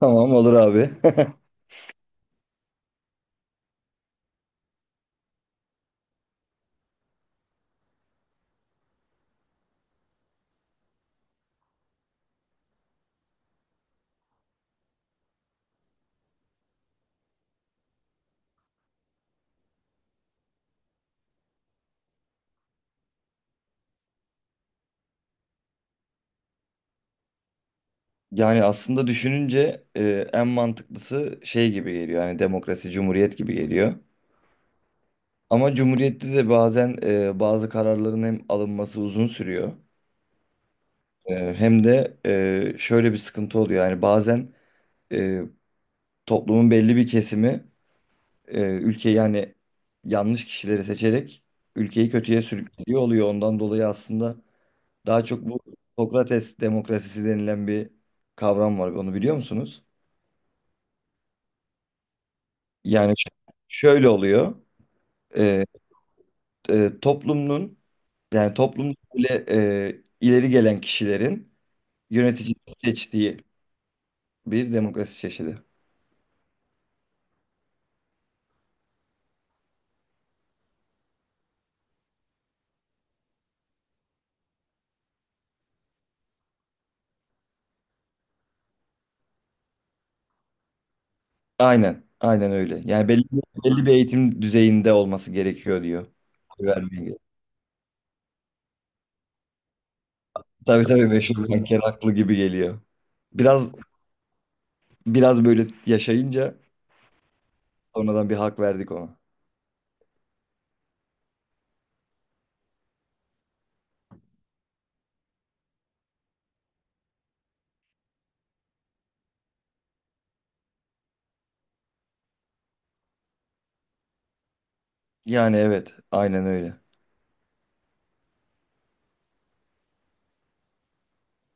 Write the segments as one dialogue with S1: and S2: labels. S1: Tamam olur abi. Yani aslında düşününce en mantıklısı şey gibi geliyor. Yani demokrasi, cumhuriyet gibi geliyor. Ama cumhuriyette de bazen bazı kararların hem alınması uzun sürüyor. Hem de şöyle bir sıkıntı oluyor. Yani bazen e, toplumun belli bir kesimi ülkeyi yani yanlış kişileri seçerek ülkeyi kötüye sürüklüyor oluyor. Ondan dolayı aslında daha çok bu Sokrates demokrasisi denilen bir kavram var. Onu biliyor musunuz? Yani şöyle oluyor. Ee, toplumun yani toplumda böyle ileri gelen kişilerin yönetici seçtiği bir demokrasi çeşidi. Aynen, aynen öyle. Yani belli bir eğitim düzeyinde olması gerekiyor diyor. Vermeye gerek. Tabii tabii meşhur banker haklı gibi geliyor. Biraz biraz böyle yaşayınca sonradan bir hak verdik ona. Yani evet, aynen öyle.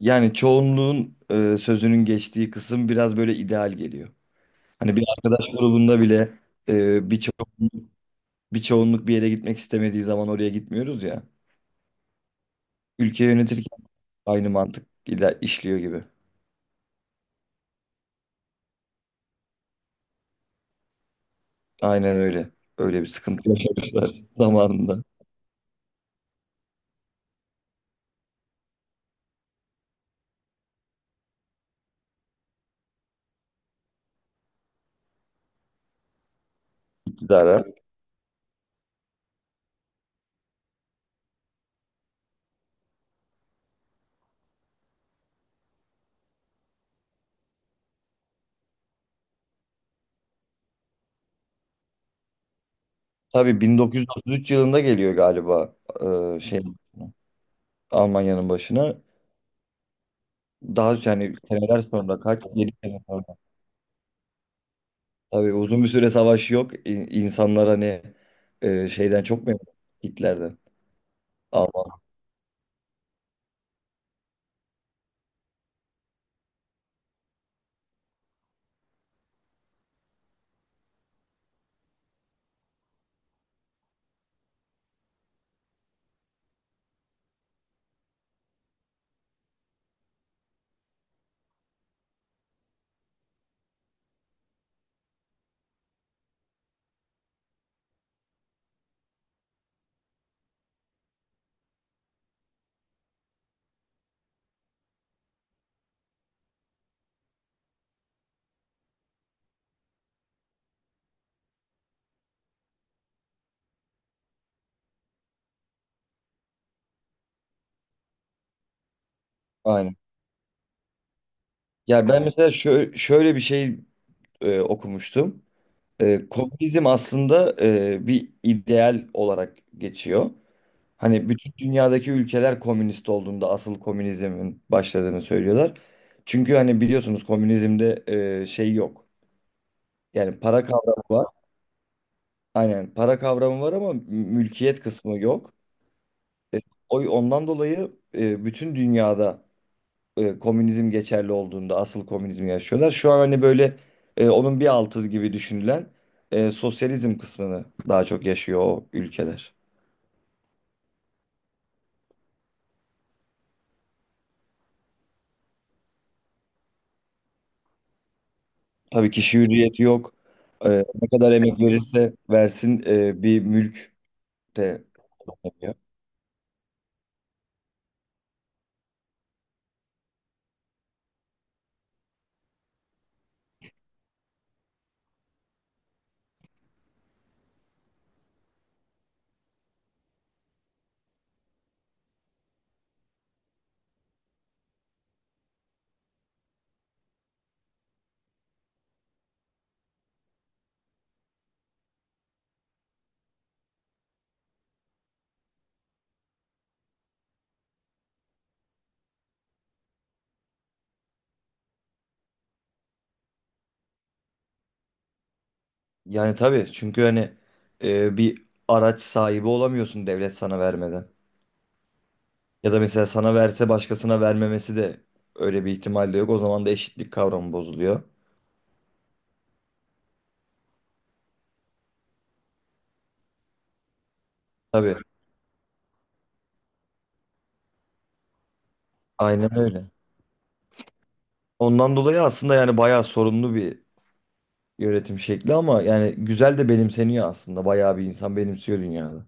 S1: Yani çoğunluğun sözünün geçtiği kısım biraz böyle ideal geliyor. Hani bir arkadaş grubunda bile e, bir, ço bir çoğunluk bir yere gitmek istemediği zaman oraya gitmiyoruz ya. Ülke yönetirken aynı mantık ile işliyor gibi. Aynen öyle. Öyle bir sıkıntı yaşamışlar zamanında iktidara. Tabii 1933 yılında geliyor galiba, e, şey Almanya'nın başına. Daha yani seneler sonra kaç? 7 sene sonra. Tabii uzun bir süre savaş yok. İnsanlar hani şeyden çok memnun, Hitler'den. Alman. Aynen. Ya ben mesela şöyle bir şey okumuştum. Komünizm aslında bir ideal olarak geçiyor. Hani bütün dünyadaki ülkeler komünist olduğunda asıl komünizmin başladığını söylüyorlar. Çünkü hani biliyorsunuz komünizmde şey yok. Yani para kavramı var. Aynen, para kavramı var ama mülkiyet kısmı yok. E, ondan dolayı bütün dünyada komünizm geçerli olduğunda asıl komünizmi yaşıyorlar. Şu an hani böyle onun bir altı gibi düşünülen sosyalizm kısmını daha çok yaşıyor o ülkeler. Tabii kişi hürriyeti yok. E, Ne kadar emek verirse versin bir mülk de. Yani tabii çünkü hani bir araç sahibi olamıyorsun devlet sana vermeden. Ya da mesela sana verse başkasına vermemesi de öyle bir ihtimal de yok. O zaman da eşitlik kavramı bozuluyor. Tabii aynen öyle. Ondan dolayı aslında yani bayağı sorunlu bir yönetim şekli ama yani güzel de benimseniyor aslında. Bayağı bir insan benimsiyor dünyada.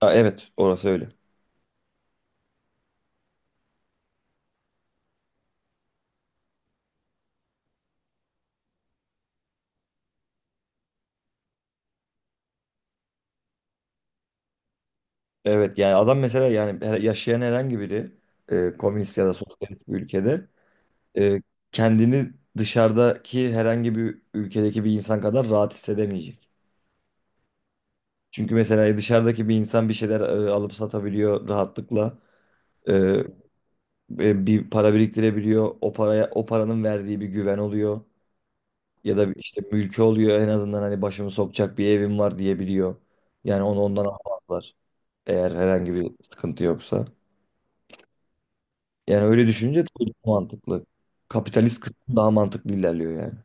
S1: Ha, evet, orası öyle. Evet yani adam mesela yani yaşayan herhangi biri komünist ya da sosyalist bir ülkede e, kendini dışarıdaki herhangi bir ülkedeki bir insan kadar rahat hissedemeyecek. Çünkü mesela dışarıdaki bir insan bir şeyler alıp satabiliyor rahatlıkla. E, Bir para biriktirebiliyor. O paranın verdiği bir güven oluyor. Ya da işte mülkü oluyor, en azından hani başımı sokacak bir evim var diyebiliyor. Yani onu ondan almazlar. Eğer herhangi bir sıkıntı yoksa. Yani öyle düşünce tabii daha mantıklı. Kapitalist kısım daha mantıklı ilerliyor yani.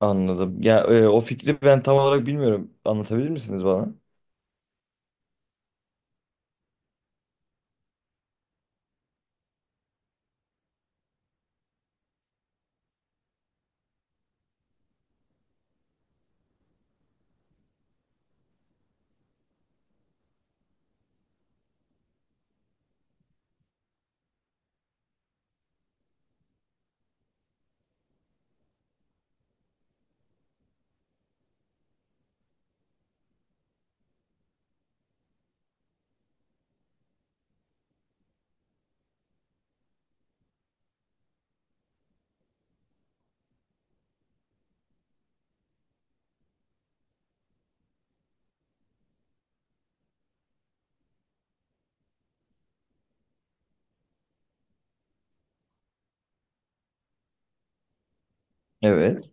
S1: Anladım. Ya o fikri ben tam olarak bilmiyorum. Anlatabilir misiniz bana? Evet.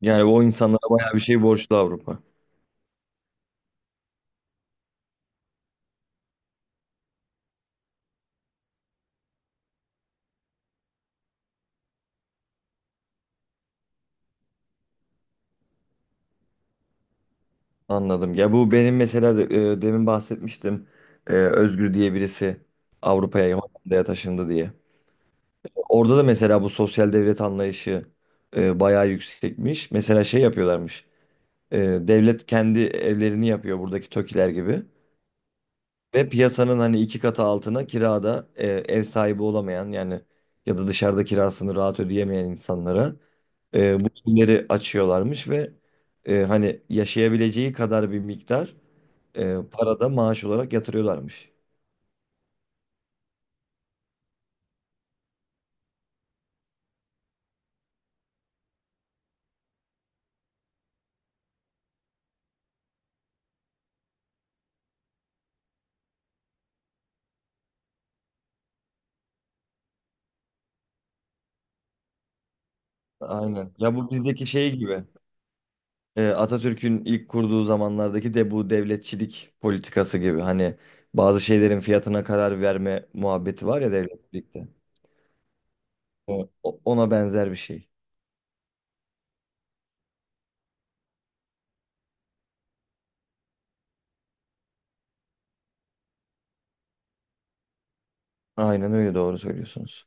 S1: Yani o insanlara bayağı bir şey borçlu Avrupa. Anladım. Ya bu benim mesela demin bahsetmiştim. E, Özgür diye birisi Avrupa'ya, Hollanda'ya taşındı diye. Orada da mesela bu sosyal devlet anlayışı bayağı yüksekmiş. Mesela şey yapıyorlarmış. E, Devlet kendi evlerini yapıyor buradaki TOKİ'ler gibi. Ve piyasanın hani iki katı altına kirada ev sahibi olamayan, yani ya da dışarıda kirasını rahat ödeyemeyen insanlara bu evleri açıyorlarmış ve hani yaşayabileceği kadar bir miktar para da maaş olarak yatırıyorlarmış. Aynen. Ya bu bizdeki şey gibi, Atatürk'ün ilk kurduğu zamanlardaki de bu devletçilik politikası gibi. Hani bazı şeylerin fiyatına karar verme muhabbeti var ya devletçilikte. Ona benzer bir şey. Aynen öyle, doğru söylüyorsunuz.